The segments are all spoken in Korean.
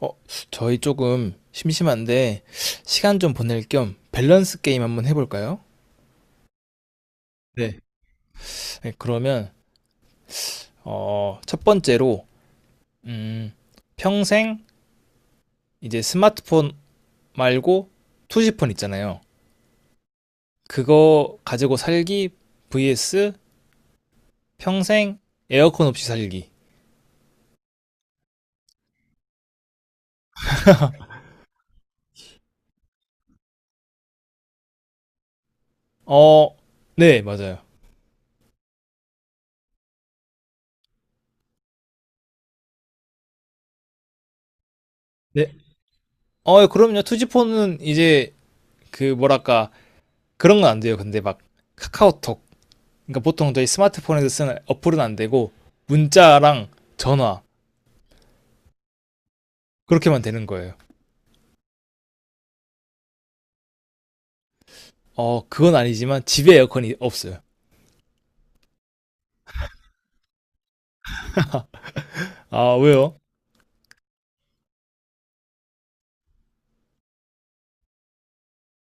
어, 저희 조금 심심한데 시간 좀 보낼 겸 밸런스 게임 한번 해볼까요? 네. 네, 그러면 첫 번째로 음, 평생 이제 스마트폰 말고 투지폰 있잖아요. 그거 가지고 살기 vs 평생 에어컨 없이 살기. 어, 네, 맞아요. 네. 그럼요. 투지폰은 이제 그 뭐랄까 그런 건 안 돼요. 근데 막 카카오톡, 그러니까 보통 저희 스마트폰에서 쓰는 어플은 안 되고 문자랑 전화, 그렇게만 되는 거예요. 그건 아니지만 집에 에어컨이 없어요. 아, 왜요?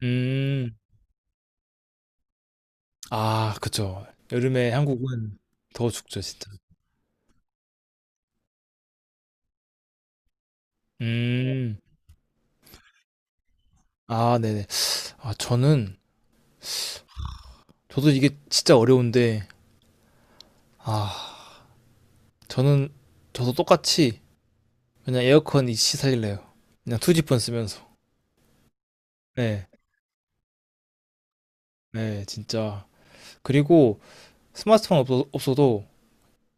음, 아, 그쵸. 여름에 한국은 더 춥죠, 진짜. 음, 아, 네네. 아, 저는 저도 이게 진짜 어려운데, 아, 저는 저도 똑같이 그냥 에어컨 이씨 살릴래요. 그냥 투지폰 쓰면서. 네, 네, 진짜. 그리고 스마트폰 없어도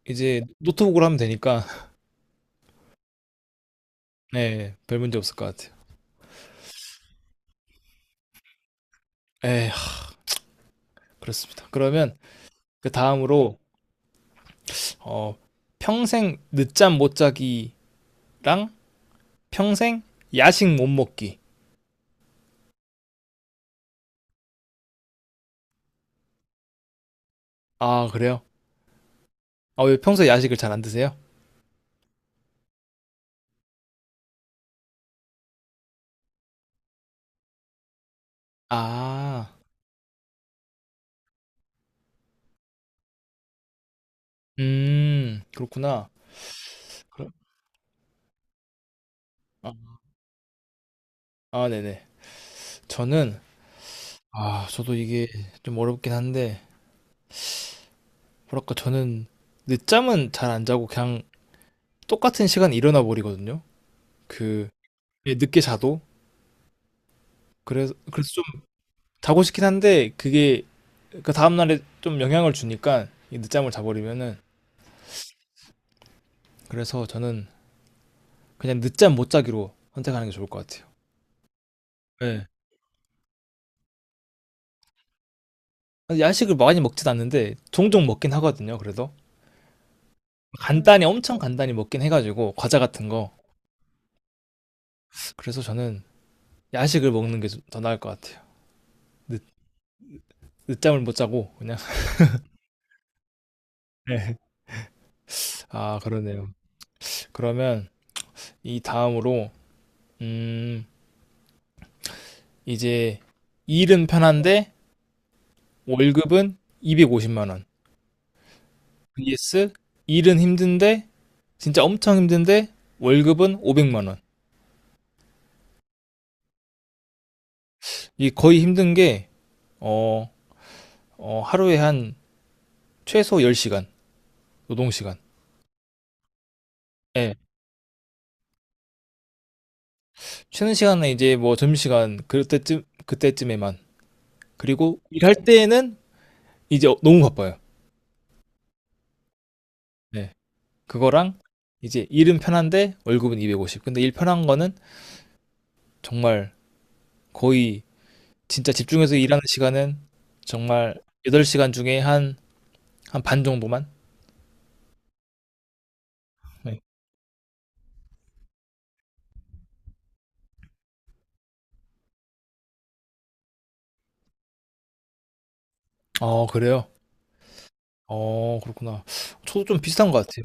이제 노트북으로 하면 되니까 네, 별 문제 없을 것 같아요. 에, 하, 그렇습니다. 그러면 그 다음으로 어, 평생 늦잠 못 자기랑 평생 야식 못 먹기. 아, 그래요? 아, 왜 평소에 야식을 잘 안 드세요? 아, 그렇구나. 그럼- 아, 아, 네네. 저는, 아, 저도 이게 좀 어렵긴 한데 뭐랄까 저는 늦잠은 잘 안 자고 그냥 똑같은 시간에 일어나 버리거든요. 그 예, 늦게 자도, 그래서 자고 싶긴 한데 그게 그 다음 날에 좀 영향을 주니까, 이 늦잠을 자버리면은. 그래서 저는 그냥 늦잠 못 자기로 선택하는 게 좋을 것 같아요. 예. 야식을 많이 먹진 않는데 종종 먹긴 하거든요. 그래도 간단히, 엄청 간단히 먹긴 해가지고, 과자 같은 거. 그래서 저는 야식을 먹는 게 더 나을 것 같아요. 늦, 늦잠을 못 자고 그냥. 네. 아, 그러네요. 그러면 이 다음으로 음 이제 일은 편한데 월급은 250만 원. vs 일은 힘든데, 진짜 엄청 힘든데 월급은 500만 원. 이 거의 힘든 게, 어, 하루에 한 최소 10시간 노동 시간. 노동시간. 예. 쉬는 시간은 이제 뭐 점심시간, 그때쯤에만. 그리고 일할 때에는 이제 너무 바빠요. 네. 그거랑 이제 일은 편한데 월급은 250. 근데 일 편한 거는 정말 거의, 진짜 집중해서 일하는 시간은 정말 8시간 중에 한 한 반 정도만. 네. 그래요. 그렇구나. 저도 좀 비슷한 것 같아요.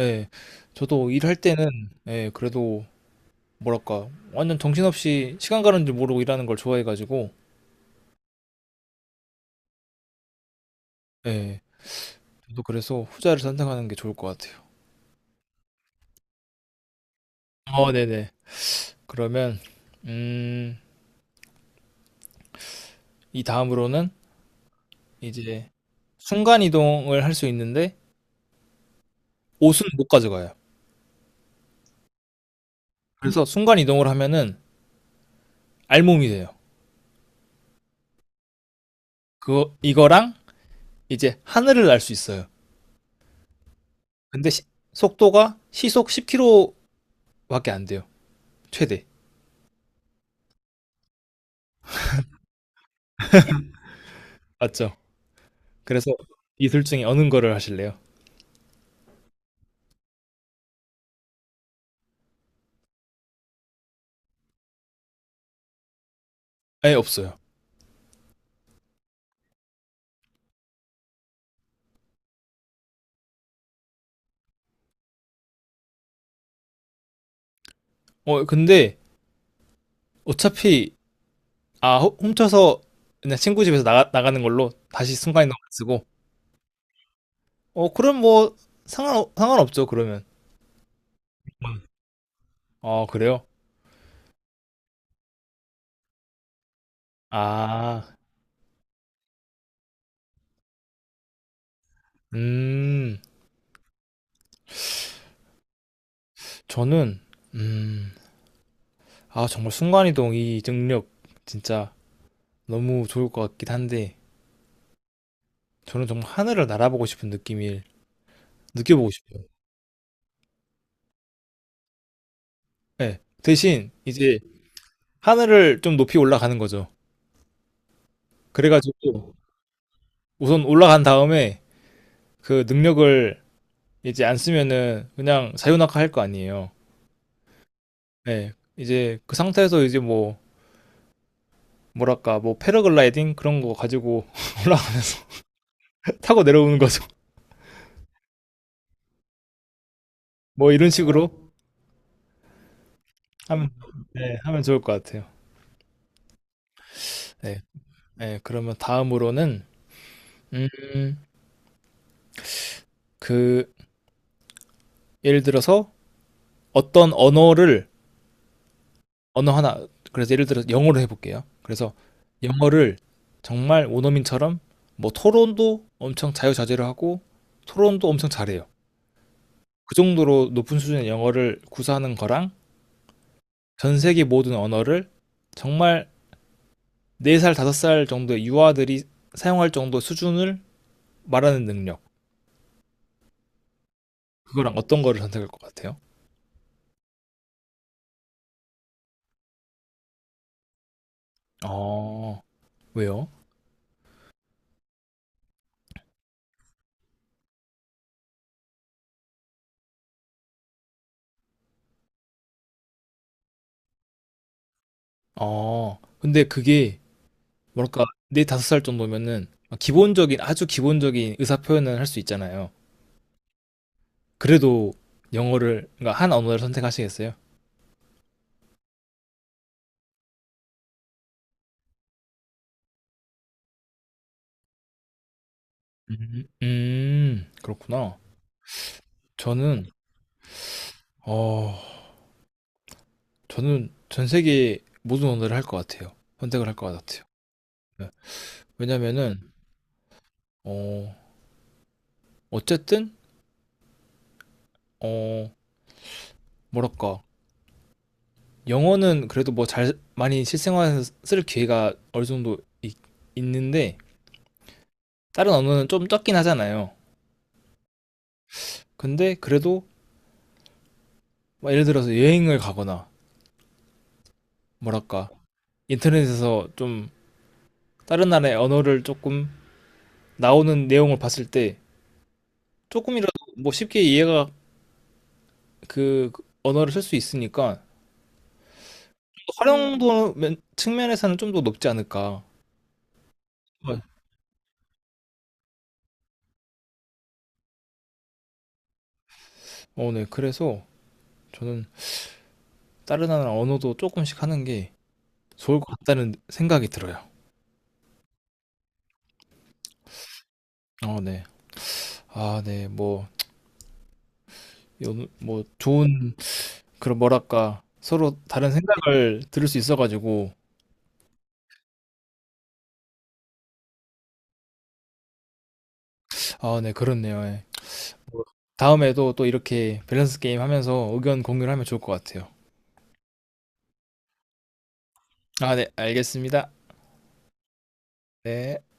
예. 저도 일할 때는, 예, 그래도 뭐랄까 완전 정신없이 시간 가는 줄 모르고 일하는 걸 좋아해 가지고, 예, 저도 그래서 후자를 선택하는 게 좋을 것 같아요. 네네. 그러면 음 이 다음으로는 이제 순간 이동을 할 수 있는데 옷은 못 가져가요. 그래서 순간 이동을 하면은 알몸이 돼요. 그거, 이거랑 이제 하늘을 날 수 있어요. 근데 시 속도가 시속 10km 밖에 안 돼요. 최대. 맞죠? 그래서 이 둘 중에 어느 거를 하실래요? 아예 없어요. 근데 어차피, 아, 훔쳐서, 그냥 친구 집에서 나가는 걸로 다시 순간이동 안 쓰고, 그럼 뭐 상관없죠 그러면. 아, 그래요? 아, 음 저는, 음 아, 정말 순간이동 이 능력, 진짜 너무 좋을 것 같긴 한데 저는 정말 하늘을 날아보고 싶은 느낌을 느껴보고 싶어요. 네. 대신 이제 하늘을 좀 높이 올라가는 거죠. 그래가지고 우선 올라간 다음에 그 능력을 이제 안 쓰면은 그냥 사유낙하 할 거 아니에요. 네. 이제 그 상태에서 이제 뭐, 뭐랄까, 뭐 패러글라이딩 그런 거 가지고 올라가면서 타고 내려오는 거죠. 뭐 이런 식으로 하면, 네, 하면 좋을 것 같아요. 네. 네, 그러면 다음으로는 음, 그 예를 들어서 어떤 언어를, 언어 하나, 그래서 예를 들어서 영어로 해볼게요. 그래서 영어를 정말 원어민처럼 뭐 토론도 엄청 자유자재로 하고 토론도 엄청 잘해요. 그 정도로 높은 수준의 영어를 구사하는 거랑, 전 세계 모든 언어를 정말 4살, 5살 정도의 유아들이 사용할 정도 수준을 말하는 능력. 그거랑 어떤 거를 선택할 것 같아요? 어, 왜요? 근데 그게 뭐랄까 네 다섯 살 정도면은 기본적인, 아주 기본적인 의사 표현을 할 수 있잖아요. 그래도 영어를, 그러니까 한 언어를 선택하시겠어요? 그렇구나. 저는 어 저는 전 세계 모든 언어를 할 것 같아요. 선택을 할 것 같아요. 네. 왜냐면은 어 어쨌든 어 뭐랄까 영어는 그래도 뭐 잘 많이 실생활에서 쓸 기회가 어느 정도 있, 있는데 다른 언어는 좀 적긴 하잖아요. 근데 그래도 막 예를 들어서 여행을 가거나, 뭐랄까 인터넷에서 좀 다른 나라의 언어를 조금 나오는 내용을 봤을 때 조금이라도 뭐 쉽게 이해가, 그 언어를 쓸 수 있으니까 활용도 측면에서는 좀 더 높지 않을까. 네. 네. 그래서 저는 다른 나라 언어도 조금씩 하는 게 좋을 것 같다는 생각이 들어요. 네. 아, 네. 뭐, 뭐 좋은, 그런 뭐랄까 서로 다른 생각을 들을 수 있어가지고. 아, 네. 그렇네요. 예. 다음에도 또 이렇게 밸런스 게임 하면서 의견 공유를 하면 좋을 것 같아요. 아, 네, 알겠습니다. 네.